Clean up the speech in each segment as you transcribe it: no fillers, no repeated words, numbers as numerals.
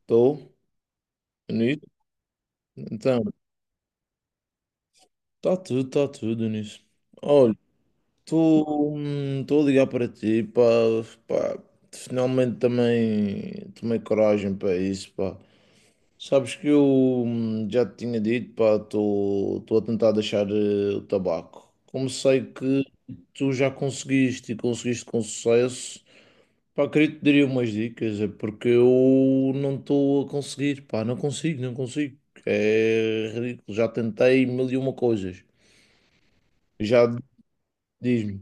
Estou nisso. Então, está tudo nisso. Olha, estou a ligar para ti, pá, pá, finalmente também tomei coragem para isso, pá. Sabes que eu já te tinha dito, pá, estou a tentar deixar o tabaco. Como sei que tu já conseguiste e conseguiste com sucesso, pá, queria te daria umas dicas, é porque eu não estou a conseguir, pá, não consigo, não consigo. É ridículo, já tentei mil e uma coisas. Já diz-me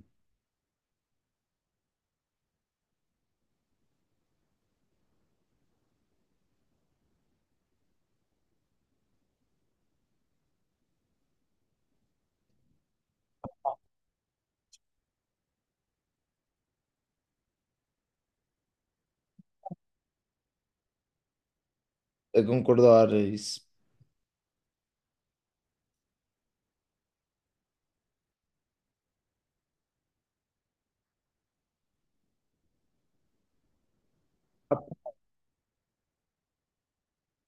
a concordar a isso.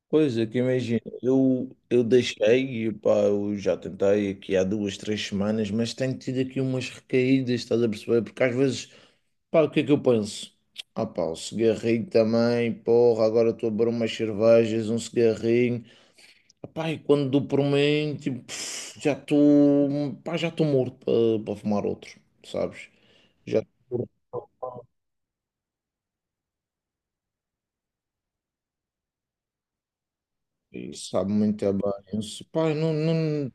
Pois é, que imagina, eu deixei, e, pá, eu já tentei aqui há duas, três semanas, mas tenho tido aqui umas recaídas, estás a perceber? Porque às vezes, pá, o que é que eu penso? Ah, pá, o cigarrinho também, porra, agora estou a beber umas cervejas, um cigarrinho. Pá, e quando dou por mim, tipo, pff, já estou, pá, já estou morto para fumar outro, sabes? Já estou morto e sabe muito bem. Eu disse, pá, não, não,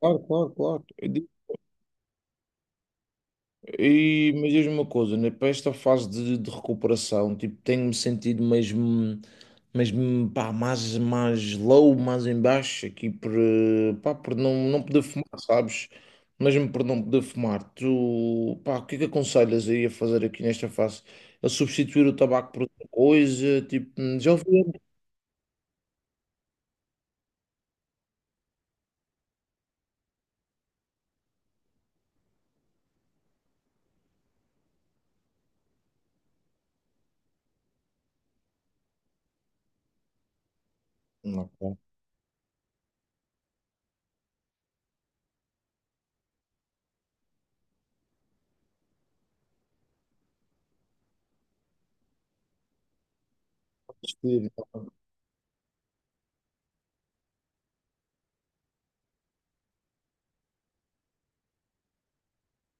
claro, claro, claro. E mas diz-me uma coisa, né? Para esta fase de recuperação, tipo, tenho-me sentido mesmo, mesmo pá, mais, mais low, mais em baixo, aqui por, pá, por não, não poder fumar, sabes? Mesmo por não poder fumar, tu, pá, o que é que aconselhas aí a fazer aqui nesta fase? A substituir o tabaco por outra coisa? Tipo, já ouvi. Não, não, não.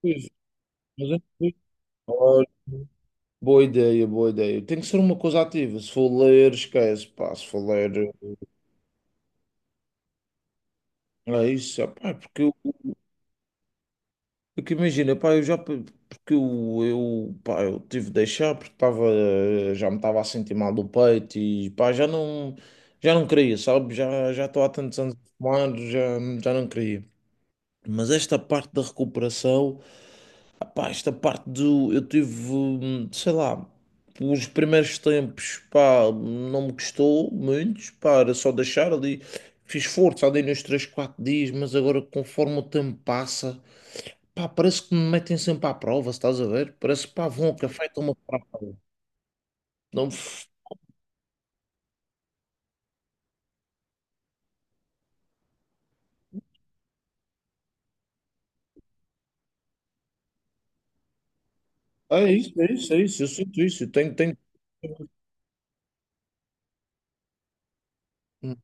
Pois, mas é- olha, boa ideia, boa ideia. Tem que ser uma coisa ativa. Se for ler, esquece, pá. Se for ler. É isso, ah, pá, porque, eu, porque imagina, pá, porque eu, pá, eu tive de deixar porque estava, já me estava a sentir mal do peito e pá, já não queria, sabe? Já estou há tantos anos a fumar, já, já não queria. Mas esta parte da recuperação, ah, pá, esta parte do, eu tive, sei lá, os primeiros tempos, pá, não me custou muito, pá, era só deixar ali. Fiz força ali nos 3 4 dias, mas agora conforme o tempo passa. Pá, parece que me metem sempre à prova, se estás a ver? Parece que pá, vão ao café e estão-me a pôr à prova. Não, f- é isso, é isso, é isso, eu sinto isso, eu tenho, tenho... Hum,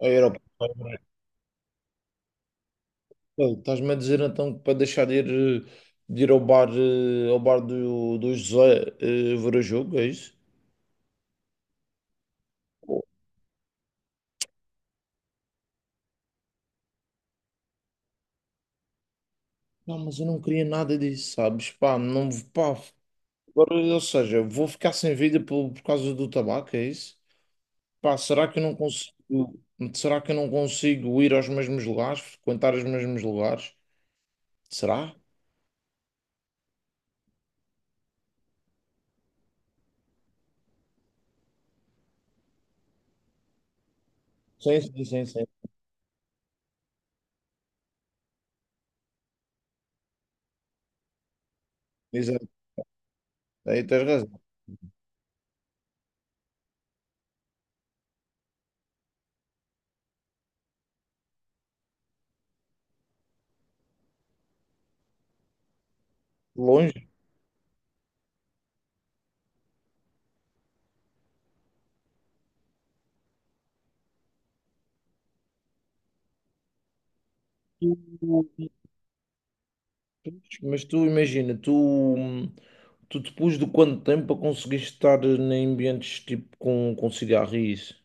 aeroporto. Estás-me a dizer então que para deixar de ir, eh, de ir ao bar, ao bar do, do José ver o jogo, é isso? Pô, não, mas eu não queria nada disso, sabes? Pá, não, pá, agora, ou seja, vou ficar sem vida por causa do tabaco, é isso? Pá, será que eu não consigo, será que eu não consigo ir aos mesmos lugares, frequentar os mesmos lugares? Será? Sim, sim, sim, sim. Exato. Aí tens razão. Longe, mas tu imagina, tu, tu depois de quanto tempo a conseguiste estar em ambientes tipo com cigarro e isso?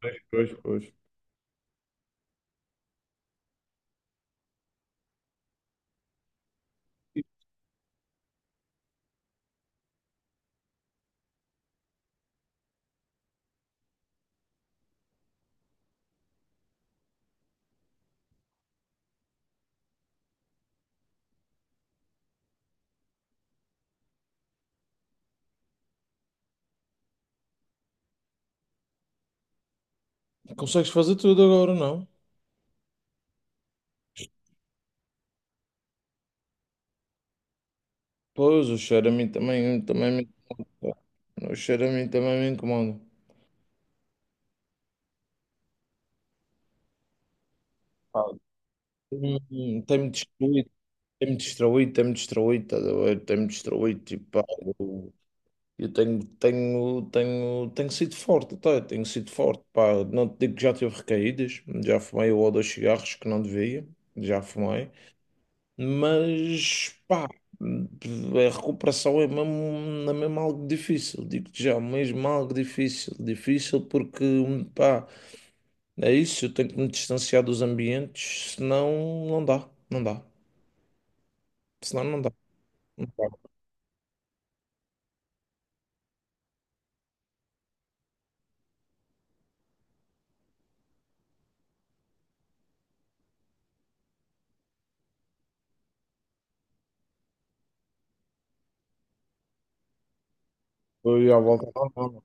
Pois, pois, pois. Consegues fazer tudo agora, não? Pois, o cheiro a mim também, também me, o cheiro a mim também me incomoda. Tem-me destruído. Tem-me distraído, estás a ver? Tem-me distraído, tipo, pá, eu, eu tenho, tenho, tenho, tenho sido forte, tá? Tenho sido forte, pá. Não te digo que já tive recaídas, já fumei um ou dois cigarros que não devia, já fumei, mas, pá, a recuperação é mesmo algo difícil, digo-te já, mesmo algo difícil, difícil porque, pá, é isso, eu tenho que me distanciar dos ambientes, senão não dá, não dá, senão não dá. Foi à volta normal.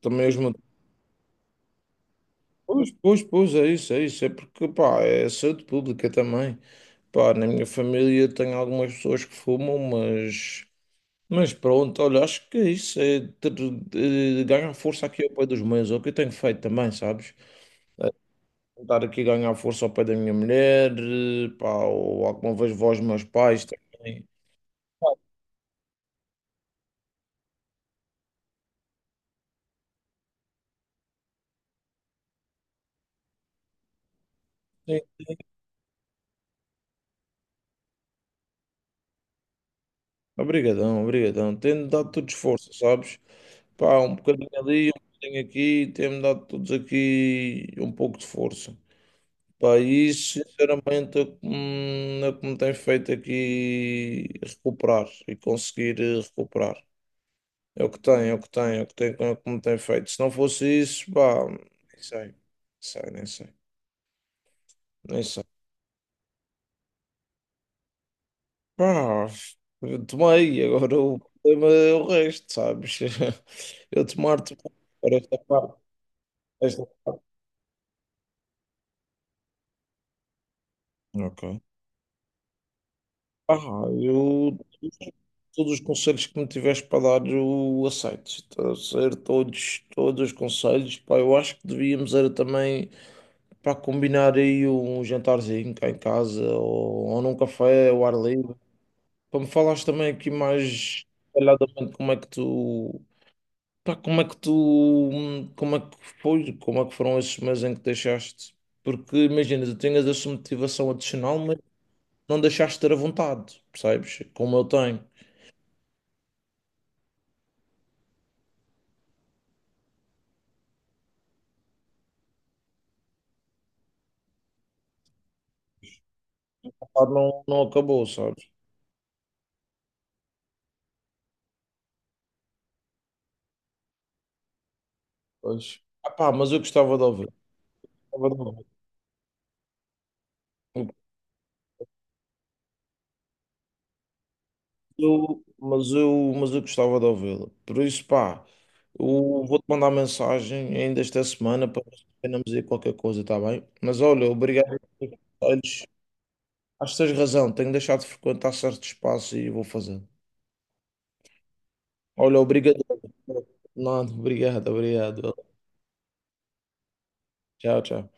Também os motores. Pois, pois, pois, é isso, é isso. É porque, pá, é saúde pública também. Pá, na minha família tenho algumas pessoas que fumam, mas. Mas pronto, olha, acho que é isso é ter, ganhar força aqui ao pé dos meus, é o que eu tenho feito também, sabes? É tentar aqui ganhar força ao pé da minha mulher, pá, ou alguma vez vós, meus pais também. Pá, sim, obrigadão, obrigadão. Tem-me dado todo esforço, sabes? Pá, um bocadinho ali, um bocadinho aqui, tem-me dado todos aqui um pouco de força. Pá, e isso, sinceramente, é o que me é o que me tem feito aqui recuperar e conseguir recuperar. É o que tem, é o que tem, é o que tem, é o que me tem feito. Se não fosse isso, pá, nem sei, nem sei, nem sei, nem sei. Pá, eu tomei, agora o problema é o resto, sabes? Eu tomar-te. Agora esta parte. Esta- Ok. Ah, eu, todos os conselhos que me tiveres para dar, eu aceito. Está a ser todos, todos os conselhos. Pá, eu acho que devíamos era também para combinar aí um jantarzinho cá em casa ou num café ao ar livre. Para me falares também aqui mais detalhadamente como é que tu, pá, como é que tu, como é que foi, como é que foram esses meses em que deixaste? Porque imagina, tu tinhas essa motivação adicional, mas não deixaste de ter a vontade, percebes? Como eu tenho. A vontade não, não acabou, sabes? Pois. Ah, pá, mas eu gostava de ouvir. Gostava de ouvir. Eu, mas eu, mas eu gostava de ouvi-la. Por isso, pá, eu vou-te mandar mensagem ainda esta semana para ver se combinamos aí qualquer coisa, está bem? Mas olha, obrigado pelos conselhos. Acho que tens razão, tenho deixado de frequentar certo espaço e vou fazer. Olha, obrigado. Não, obrigado, obrigado. Tchau, tchau.